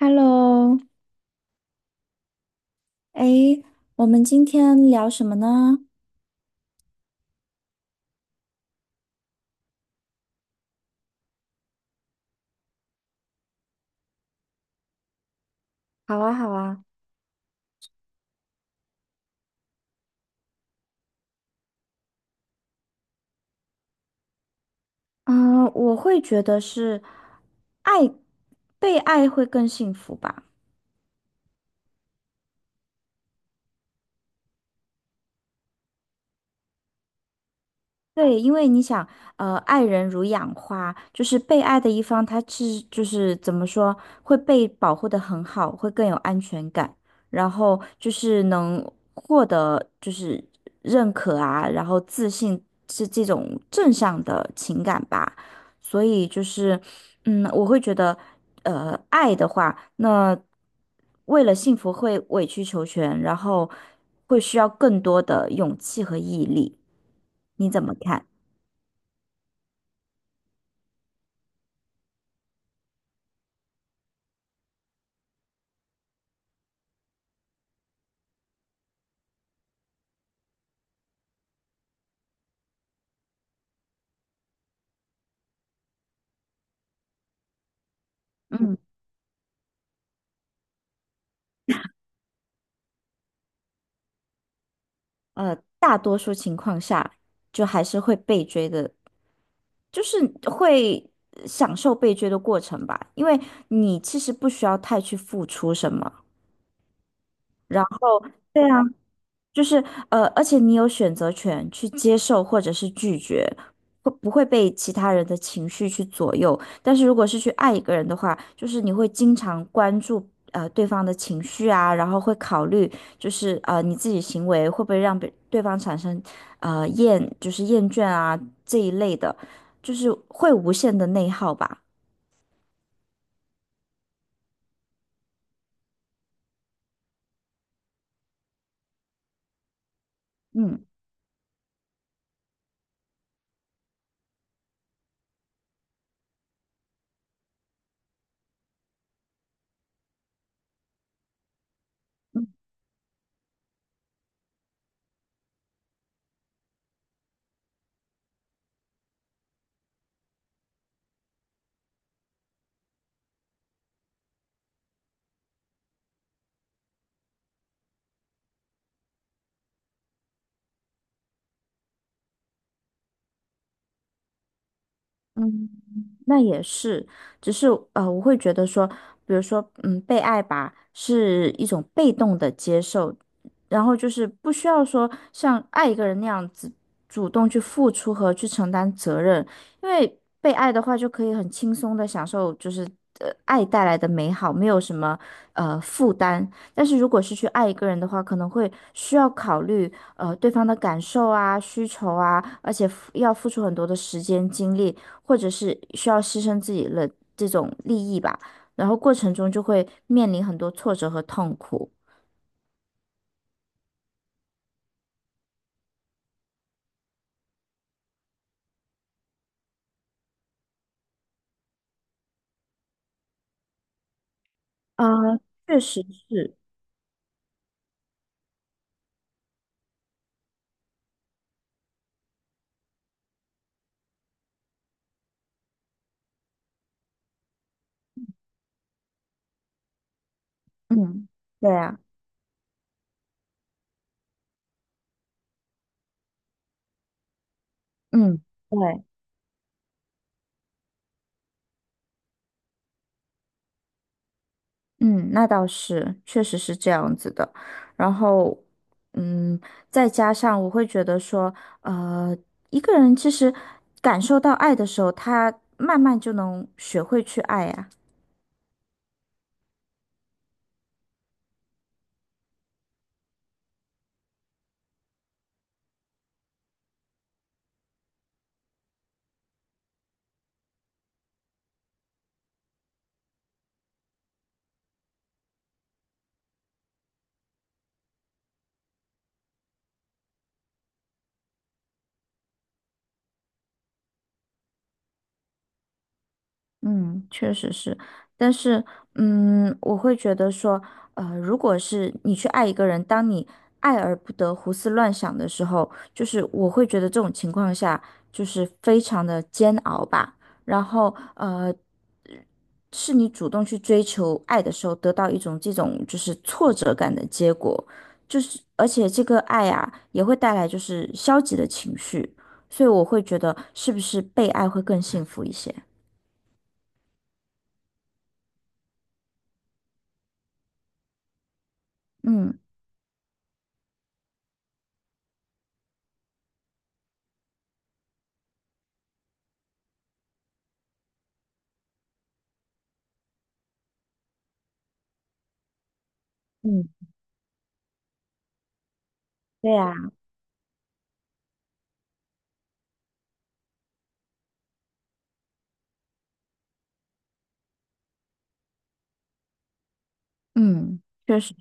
Hello，哎，我们今天聊什么呢？好啊，好啊，嗯、我会觉得是爱，被爱会更幸福吧。对，因为你想，爱人如养花，就是被爱的一方，他是就是怎么说，会被保护的很好，会更有安全感，然后就是能获得就是认可啊，然后自信是这种正向的情感吧。所以就是，嗯，我会觉得，爱的话，那为了幸福会委曲求全，然后会需要更多的勇气和毅力。你怎么看？嗯大多数情况下，就还是会被追的，就是会享受被追的过程吧，因为你其实不需要太去付出什么，然后。对啊。就是,而且你有选择权去接受或者是拒绝，会不会被其他人的情绪去左右？但是如果是去爱一个人的话，就是你会经常关注对方的情绪啊，然后会考虑就是你自己行为会不会让别对方产生呃厌就是厌倦啊这一类的，就是会无限的内耗吧。嗯。那也是，只是我会觉得说，比如说，嗯，被爱吧，是一种被动的接受，然后就是不需要说像爱一个人那样子主动去付出和去承担责任，因为被爱的话就可以很轻松的享受，就是爱带来的美好，没有什么负担。但是如果是去爱一个人的话，可能会需要考虑对方的感受啊、需求啊，而且付要付出很多的时间精力。或者是需要牺牲自己的这种利益吧，然后过程中就会面临很多挫折和痛苦。啊，确实是，嗯，对啊，嗯，对，嗯，那倒是，确实是这样子的。然后，嗯，再加上我会觉得说，呃，一个人其实感受到爱的时候，他慢慢就能学会去爱呀。嗯，确实是，但是，嗯，我会觉得说，如果是你去爱一个人，当你爱而不得、胡思乱想的时候，就是我会觉得这种情况下就是非常的煎熬吧。然后，是你主动去追求爱的时候，得到一种这种就是挫折感的结果，就是而且这个爱啊，也会带来就是消极的情绪，所以我会觉得是不是被爱会更幸福一些？嗯，嗯，对呀。嗯，确实，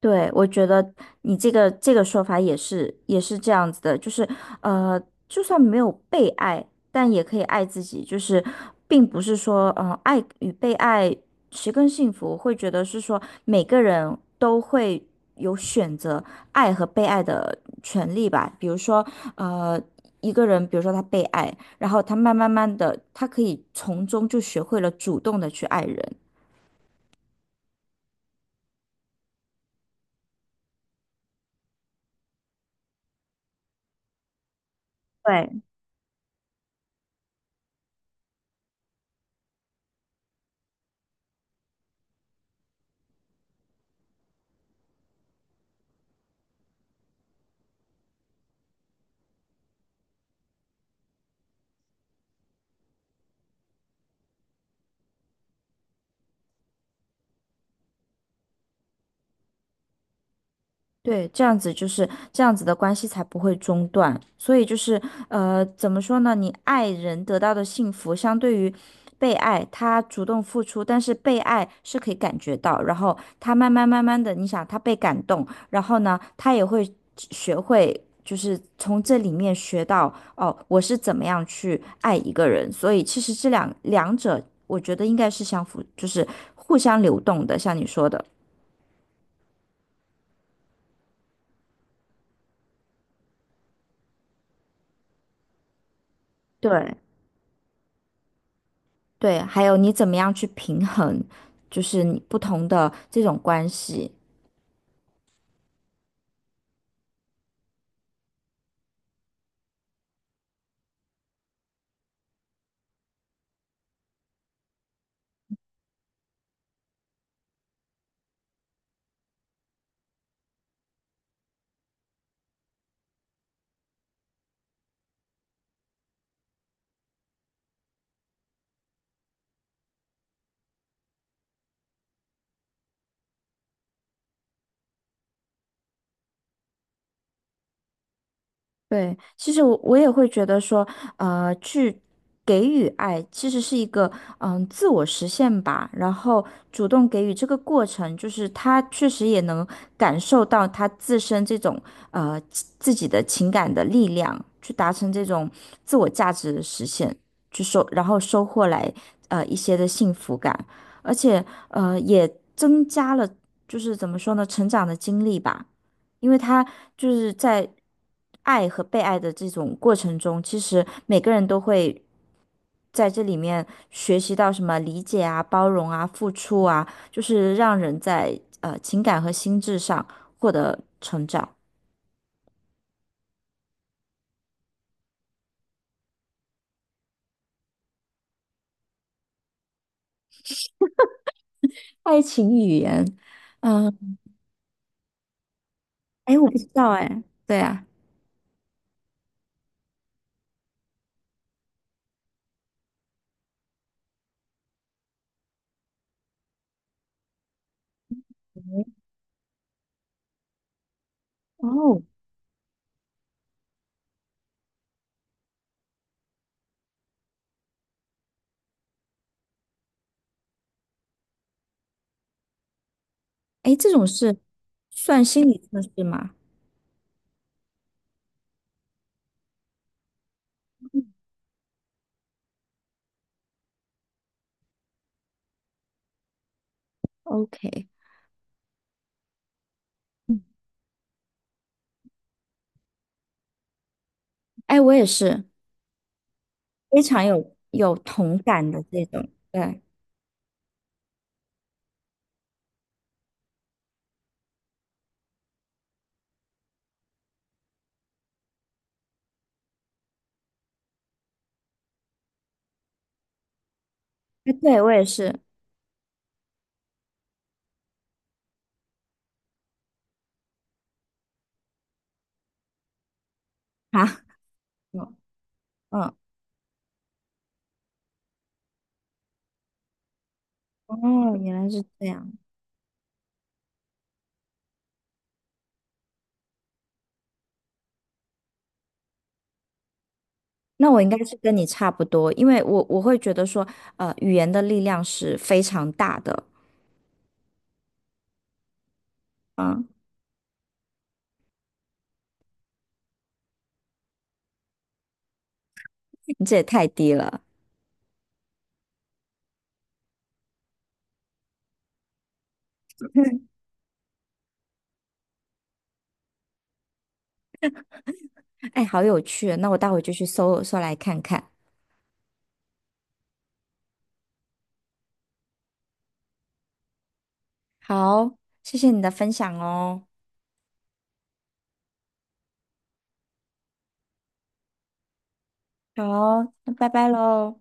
对，我觉得你这个说法也是这样子的，就是呃，就算没有被爱，但也可以爱自己，就是并不是说，爱与被爱谁更幸福，我会觉得是说每个人都会有选择爱和被爱的权利吧。比如说，呃，一个人，比如说他被爱，然后他慢慢慢的，他可以从中就学会了主动的去爱人。对。对，这样子就是这样子的关系才不会中断。所以就是，呃，怎么说呢？你爱人得到的幸福，相对于被爱，他主动付出，但是被爱是可以感觉到，然后他慢慢慢慢的，你想他被感动，然后呢，他也会学会，就是从这里面学到，哦，我是怎么样去爱一个人。所以其实这两两者，我觉得应该是相符，就是互相流动的，像你说的。对，对，还有你怎么样去平衡，就是你不同的这种关系。对，其实我也会觉得说，去给予爱其实是一个嗯自我实现吧。然后主动给予这个过程，就是他确实也能感受到他自身这种自己的情感的力量，去达成这种自我价值的实现，然后收获来一些的幸福感，而且也增加了就是怎么说呢，成长的经历吧。因为他就是在爱和被爱的这种过程中，其实每个人都会在这里面学习到什么理解啊、包容啊、付出啊，就是让人在情感和心智上获得爱情语言。嗯，哎，我不知道哎，对啊，哦，哎，这种是算心理测试吗？OK,嗯哎，我也是非常有同感的这种，对，哎，对我也是。啊，嗯嗯，哦，原来是这样。那我应该是跟你差不多，因为我会觉得说，语言的力量是非常大的。嗯，你这也太低了。哎，好有趣哦，那我待会就去搜搜来看看。好，谢谢你的分享哦。好，那拜拜喽。